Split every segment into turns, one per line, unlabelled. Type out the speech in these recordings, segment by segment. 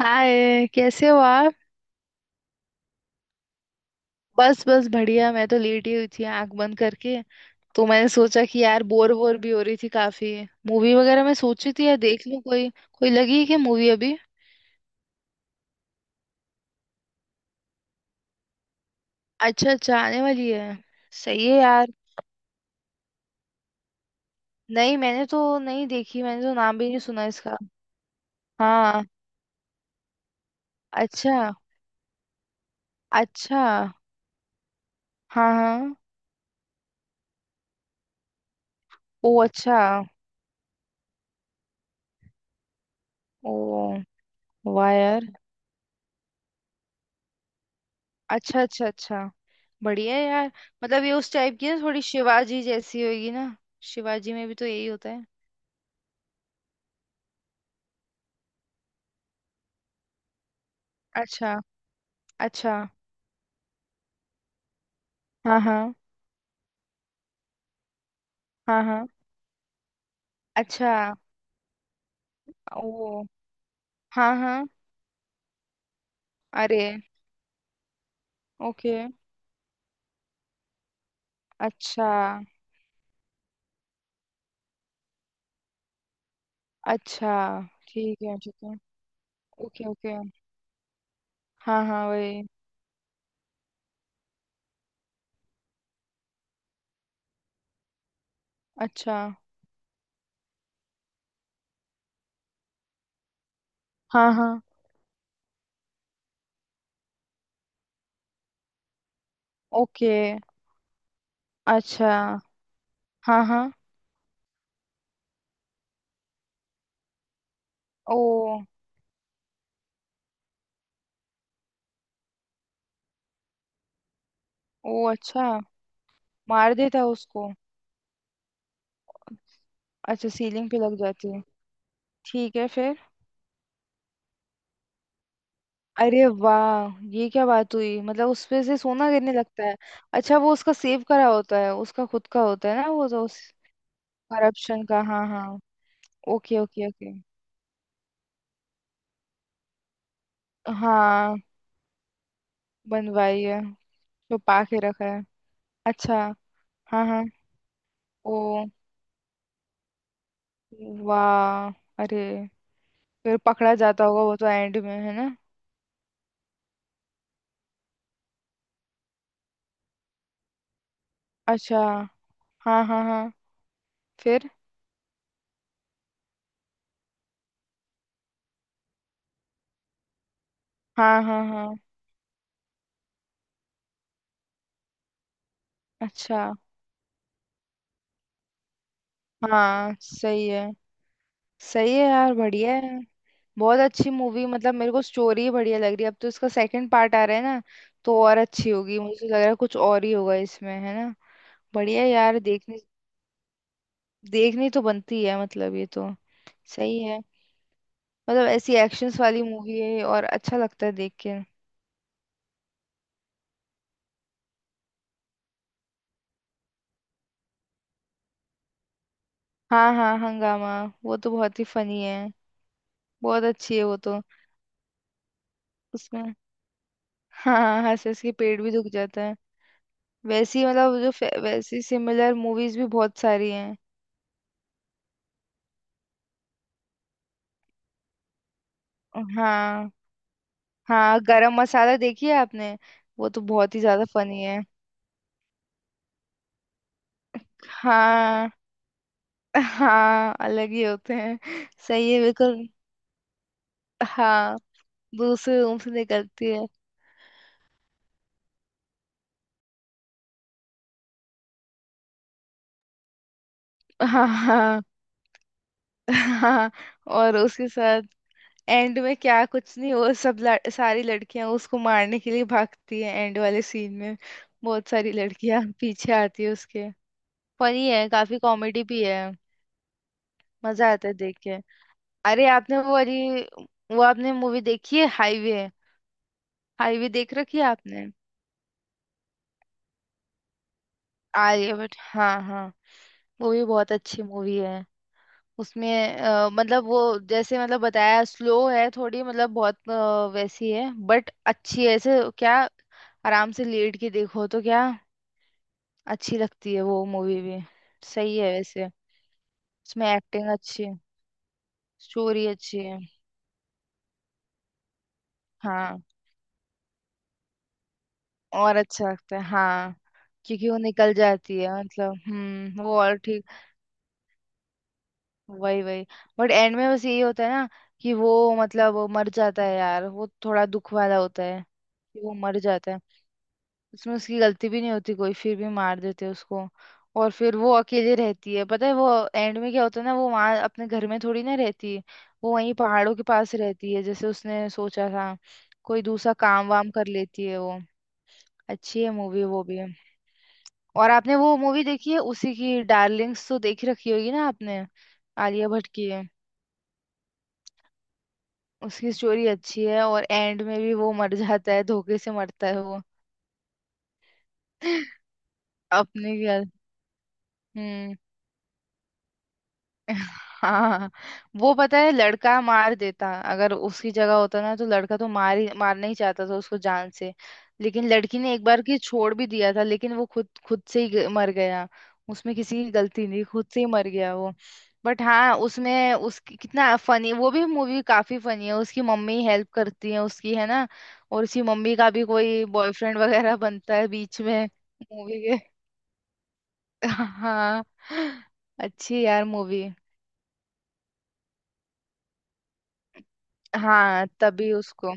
हाय, कैसे हो आप। बस बस बढ़िया, मैं तो लेटी हुई थी आंख बंद करके। तो मैंने सोचा कि यार, बोर बोर भी हो रही थी काफी। मूवी वगैरह मैं सोची थी यार, देख लूं कोई। कोई लगी है क्या मूवी अभी? अच्छा अच्छा, आने वाली है। सही है यार। नहीं, मैंने तो नहीं देखी, मैंने तो नाम भी नहीं सुना इसका। हाँ। अच्छा। अच्छा। हाँ हाँ। ओ अच्छा। ओ। वाह यार। अच्छा अच्छा अच्छा। बढ़िया है यार। मतलब ये उस टाइप की ना, थोड़ी शिवाजी जैसी होगी ना। शिवाजी में भी तो यही होता है। अच्छा। अच्छा। हाँ हाँ। हाँ हाँ। अच्छा। ओ। हाँ हाँ। अरे। ओके। अच्छा। अच्छा, ठीक है ठीक है। Okay okay. हाँ हाँ वही। अच्छा। हाँ हाँ। ओके। अच्छा। हाँ हाँ। ओ, ओ अच्छा। मार देता उसको। अच्छा, सीलिंग पे लग जाती है। ठीक है फिर। अरे वाह, ये क्या बात हुई, मतलब उसपे से सोना गिरने लगता है। अच्छा, वो उसका सेव करा होता है, उसका खुद का होता है ना वो तो उस। करप्शन का। हाँ हाँ। Okay okay okay. हाँ, बनवाई है, छुपा के रखा है। अच्छा। हाँ हाँ। ओ वाह। अरे, फिर पकड़ा जाता होगा वो तो एंड में है ना। अच्छा। हाँ हाँ हाँ। फिर। हाँ हाँ हाँ। अच्छा। हाँ सही है। सही है यार, बढ़िया है। बहुत अच्छी मूवी, मतलब मेरे को स्टोरी बढ़िया लग रही है। अब तो इसका सेकंड पार्ट आ रहा है ना। तो और अच्छी होगी, मुझे लग रहा है कुछ और ही होगा इसमें है ना। बढ़िया यार देखने। देखनी तो बनती है मतलब ये तो। सही है। मतलब ऐसी एक्शंस वाली मूवी है और अच्छा लगता है देख के। हाँ हाँ हंगामा। वो तो बहुत ही फनी है। बहुत अच्छी है वो तो। उसमें हाँ हाँ, हंस हंस के पेट भी दुख जाता है। वैसी मतलब वैसी सिमिलर मूवीज भी बहुत सारी हैं। हाँ हाँ, गरम मसाला देखी है आपने? वो तो बहुत ही ज्यादा फनी है। हाँ हाँ, अलग ही होते हैं। सही है बिल्कुल। हाँ, वो उस रूम से निकलती है। हाँ हाँ हाँ। और उसके साथ। एंड में क्या कुछ नहीं, वो सब सारी लड़कियां उसको मारने के लिए भागती है एंड वाले सीन में। बहुत सारी लड़कियां पीछे आती है उसके। फनी है, काफी कॉमेडी भी है। मजा आता है देख के। अरे, आपने वो वाली। वो, आपने मूवी देखी है हाईवे? हाईवे देख रखी है आपने? आर्यभट्ट। हाँ हाँ। वो भी बहुत अच्छी मूवी है। उसमें मतलब वो जैसे मतलब बताया, स्लो है थोड़ी, मतलब बहुत वैसी है बट अच्छी है ऐसे क्या। आराम से लेट के देखो तो क्या। अच्छी लगती है वो मूवी भी। सही है वैसे। उसमें एक्टिंग अच्छी है। स्टोरी अच्छी है। हाँ। और अच्छा लगता है हाँ। क्योंकि वो निकल जाती है मतलब वो और ठीक। वही वही। बट एंड में बस यही होता है ना। कि वो। मतलब वो मर जाता है यार, वो थोड़ा दुख वाला होता है। कि वो मर जाता है। उसमें उसकी गलती भी नहीं होती कोई, फिर भी मार देते हैं उसको। और फिर वो अकेले रहती है, पता है वो। एंड में क्या होता है ना, वो वहाँ अपने घर में थोड़ी ना रहती है। वो वहीं पहाड़ों के पास रहती है जैसे उसने सोचा था। कोई दूसरा काम वाम कर लेती है वो। अच्छी है मूवी वो भी। और आपने वो मूवी देखी है उसी की, डार्लिंग्स तो देख रखी होगी ना आपने? आलिया भट्ट की। उसकी स्टोरी अच्छी है, और एंड में भी वो मर जाता है, धोखे से मरता है वो। अपने क्या। हम्म। हाँ, वो पता है लड़का मार देता अगर उसकी जगह होता ना, तो लड़का तो मार ही मारना ही चाहता था उसको जान से। लेकिन लड़की ने एक बार की छोड़ भी दिया था, लेकिन वो खुद खुद से ही मर गया। उसमें किसी की गलती नहीं, खुद से ही मर गया वो। बट हाँ, उसमें उसकी कितना फनी, वो भी मूवी काफी फनी है, उसकी मम्मी हेल्प करती है उसकी है ना। और उसकी मम्मी का भी कोई बॉयफ्रेंड वगैरह बनता है बीच में। मूवी के। हाँ। अच्छी यार मूवी। हाँ, तभी उसको।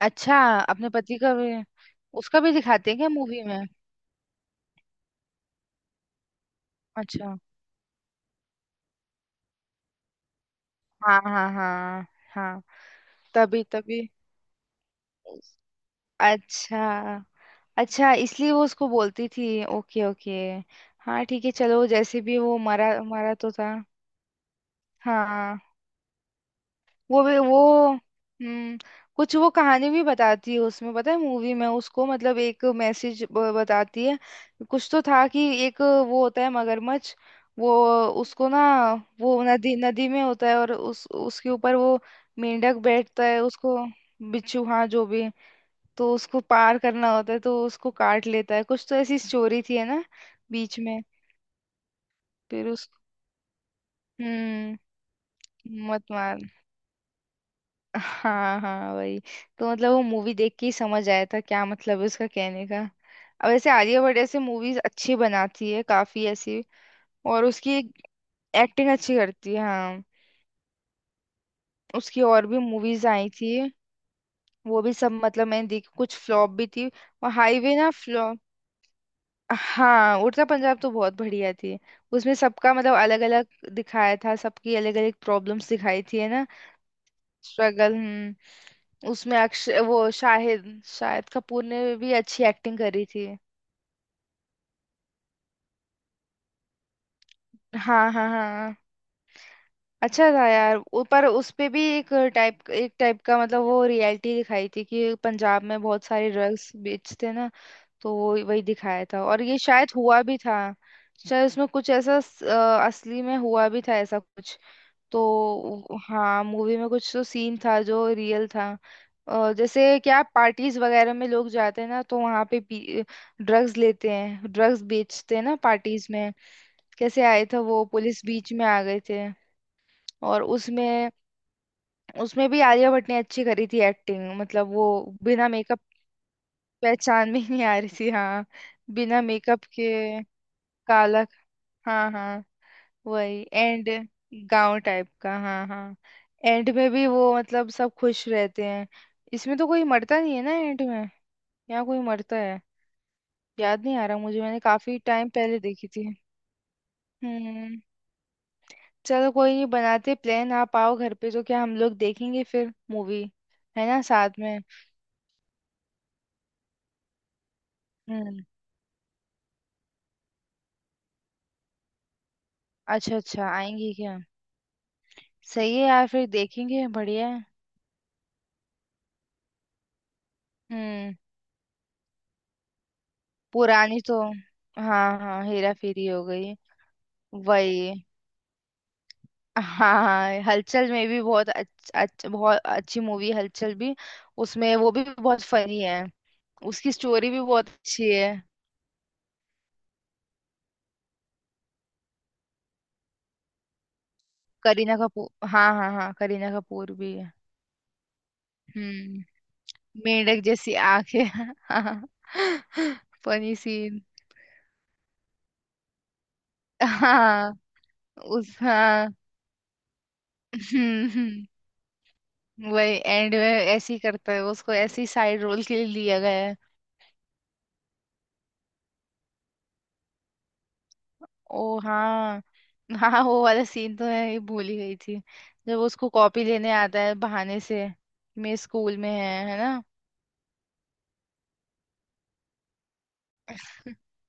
अच्छा, अपने पति का भी। उसका भी दिखाते हैं क्या मूवी में? अच्छा। हाँ हाँ हाँ। हाँ, तभी तभी। अच्छा। अच्छा, इसलिए वो उसको बोलती थी। Okay okay. हाँ ठीक है, चलो जैसे भी वो मरा, मरा तो था। हाँ वो भी वो हम्म। कुछ वो कहानी भी बताती है उसमें, पता है मूवी में उसको मतलब एक मैसेज बताती है। कुछ तो था कि। एक वो होता है मगरमच्छ। वो। उसको ना। वो नदी नदी में होता है और उस उसके ऊपर वो। मेंढक बैठता है उसको। बिच्छू, हाँ जो भी है। तो उसको पार करना होता है, तो उसको काट लेता है, कुछ तो ऐसी स्टोरी थी है ना। बीच में। फिर उस। हम्म। मत मार। हाँ हाँ वही। तो मतलब वो मूवी देख के ही समझ आया था क्या मतलब है उसका कहने का। अब ऐसे आलिया भट्ट ऐसे मूवीज अच्छी बनाती है काफी ऐसी। और उसकी। एक्टिंग अच्छी करती है हाँ। उसकी और भी मूवीज आई थी। वो भी सब मतलब मैंने देखी, कुछ फ्लॉप भी थी। और हाईवे ना फ्लॉप। हाँ, उड़ता पंजाब तो बहुत बढ़िया थी। उसमें सबका मतलब अलग अलग। दिखाया था, सबकी अलग अलग प्रॉब्लम्स दिखाई थी है ना। स्ट्रगल। हम्म। उसमें अक्षय वो शाहिद शाहिद कपूर ने भी अच्छी एक्टिंग करी थी। हाँ हाँ हाँ। अच्छा था यार, पर उस पे भी एक। टाइप एक टाइप का मतलब वो रियलिटी दिखाई थी कि पंजाब में बहुत सारे ड्रग्स बेचते ना। तो वो वही दिखाया था और ये शायद हुआ भी था। शायद उसमें कुछ ऐसा असली में हुआ भी था ऐसा कुछ। तो हाँ, मूवी में कुछ तो सीन था जो रियल था। जैसे क्या पार्टीज वगैरह में लोग जाते हैं ना, तो वहाँ पे। ड्रग्स लेते हैं, ड्रग्स बेचते हैं ना पार्टीज में। कैसे आए थे वो, पुलिस बीच में आ गए थे। और उसमें। उसमें भी आलिया भट्ट ने अच्छी करी थी एक्टिंग, मतलब वो। बिना मेकअप। पहचान में ही नहीं आ रही थी हाँ। बिना मेकअप के। काला। हाँ हाँ वही एंड। गांव टाइप का। हाँ हाँ। एंड में भी वो मतलब सब खुश रहते हैं। इसमें तो कोई मरता नहीं है ना एंड में। यहाँ कोई मरता है? याद नहीं आ रहा मुझे, मैंने काफी टाइम पहले देखी थी। हम्म। चलो कोई नहीं, बनाते प्लान, आप आओ घर पे तो क्या हम लोग देखेंगे फिर मूवी। है ना साथ में। हम्म। अच्छा अच्छा, आएंगे क्या? सही है यार, फिर देखेंगे, बढ़िया है। हम्म, पुरानी तो। हाँ हाँ, हेरा फेरी हो गई। वही। हाँ, हलचल में भी बहुत अच्छ, अच्छ, बहुत अच्छी मूवी है हलचल भी। उसमें वो भी बहुत फनी है। उसकी स्टोरी भी बहुत अच्छी है। करीना कपूर, हाँ हाँ हाँ, करीना कपूर भी है। हम्म। मेंढक जैसी आंखें। हाँ। Funny scene. हाँ उस हाँ। हम्म। वही एंड में ऐसे ही करता है, उसको ऐसी साइड रोल के लिए लिया गया। ओ हाँ। हाँ, वो वाला सीन तो है, ये भूल ही गई थी। जब वो उसको कॉपी लेने आता है बहाने से। मेरे स्कूल में है ना?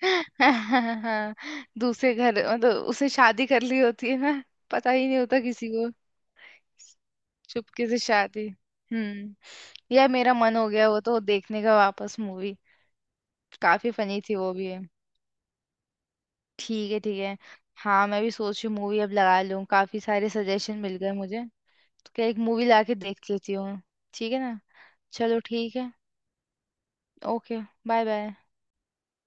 हाँ। दूसरे घर मतलब उसने शादी कर ली होती है ना। पता ही नहीं होता किसी को। चुपके से शादी। हम्म। यार मेरा मन हो गया वो तो देखने का वापस मूवी। काफी फनी थी वो भी है। ठीक है ठीक है। हाँ, मैं भी सोच रही हूँ मूवी अब लगा लूँ, काफी सारे सजेशन मिल गए मुझे। तो क्या, एक मूवी ला के देख लेती हूँ। ठीक है ना। चलो ठीक है। ओके। Bye bye.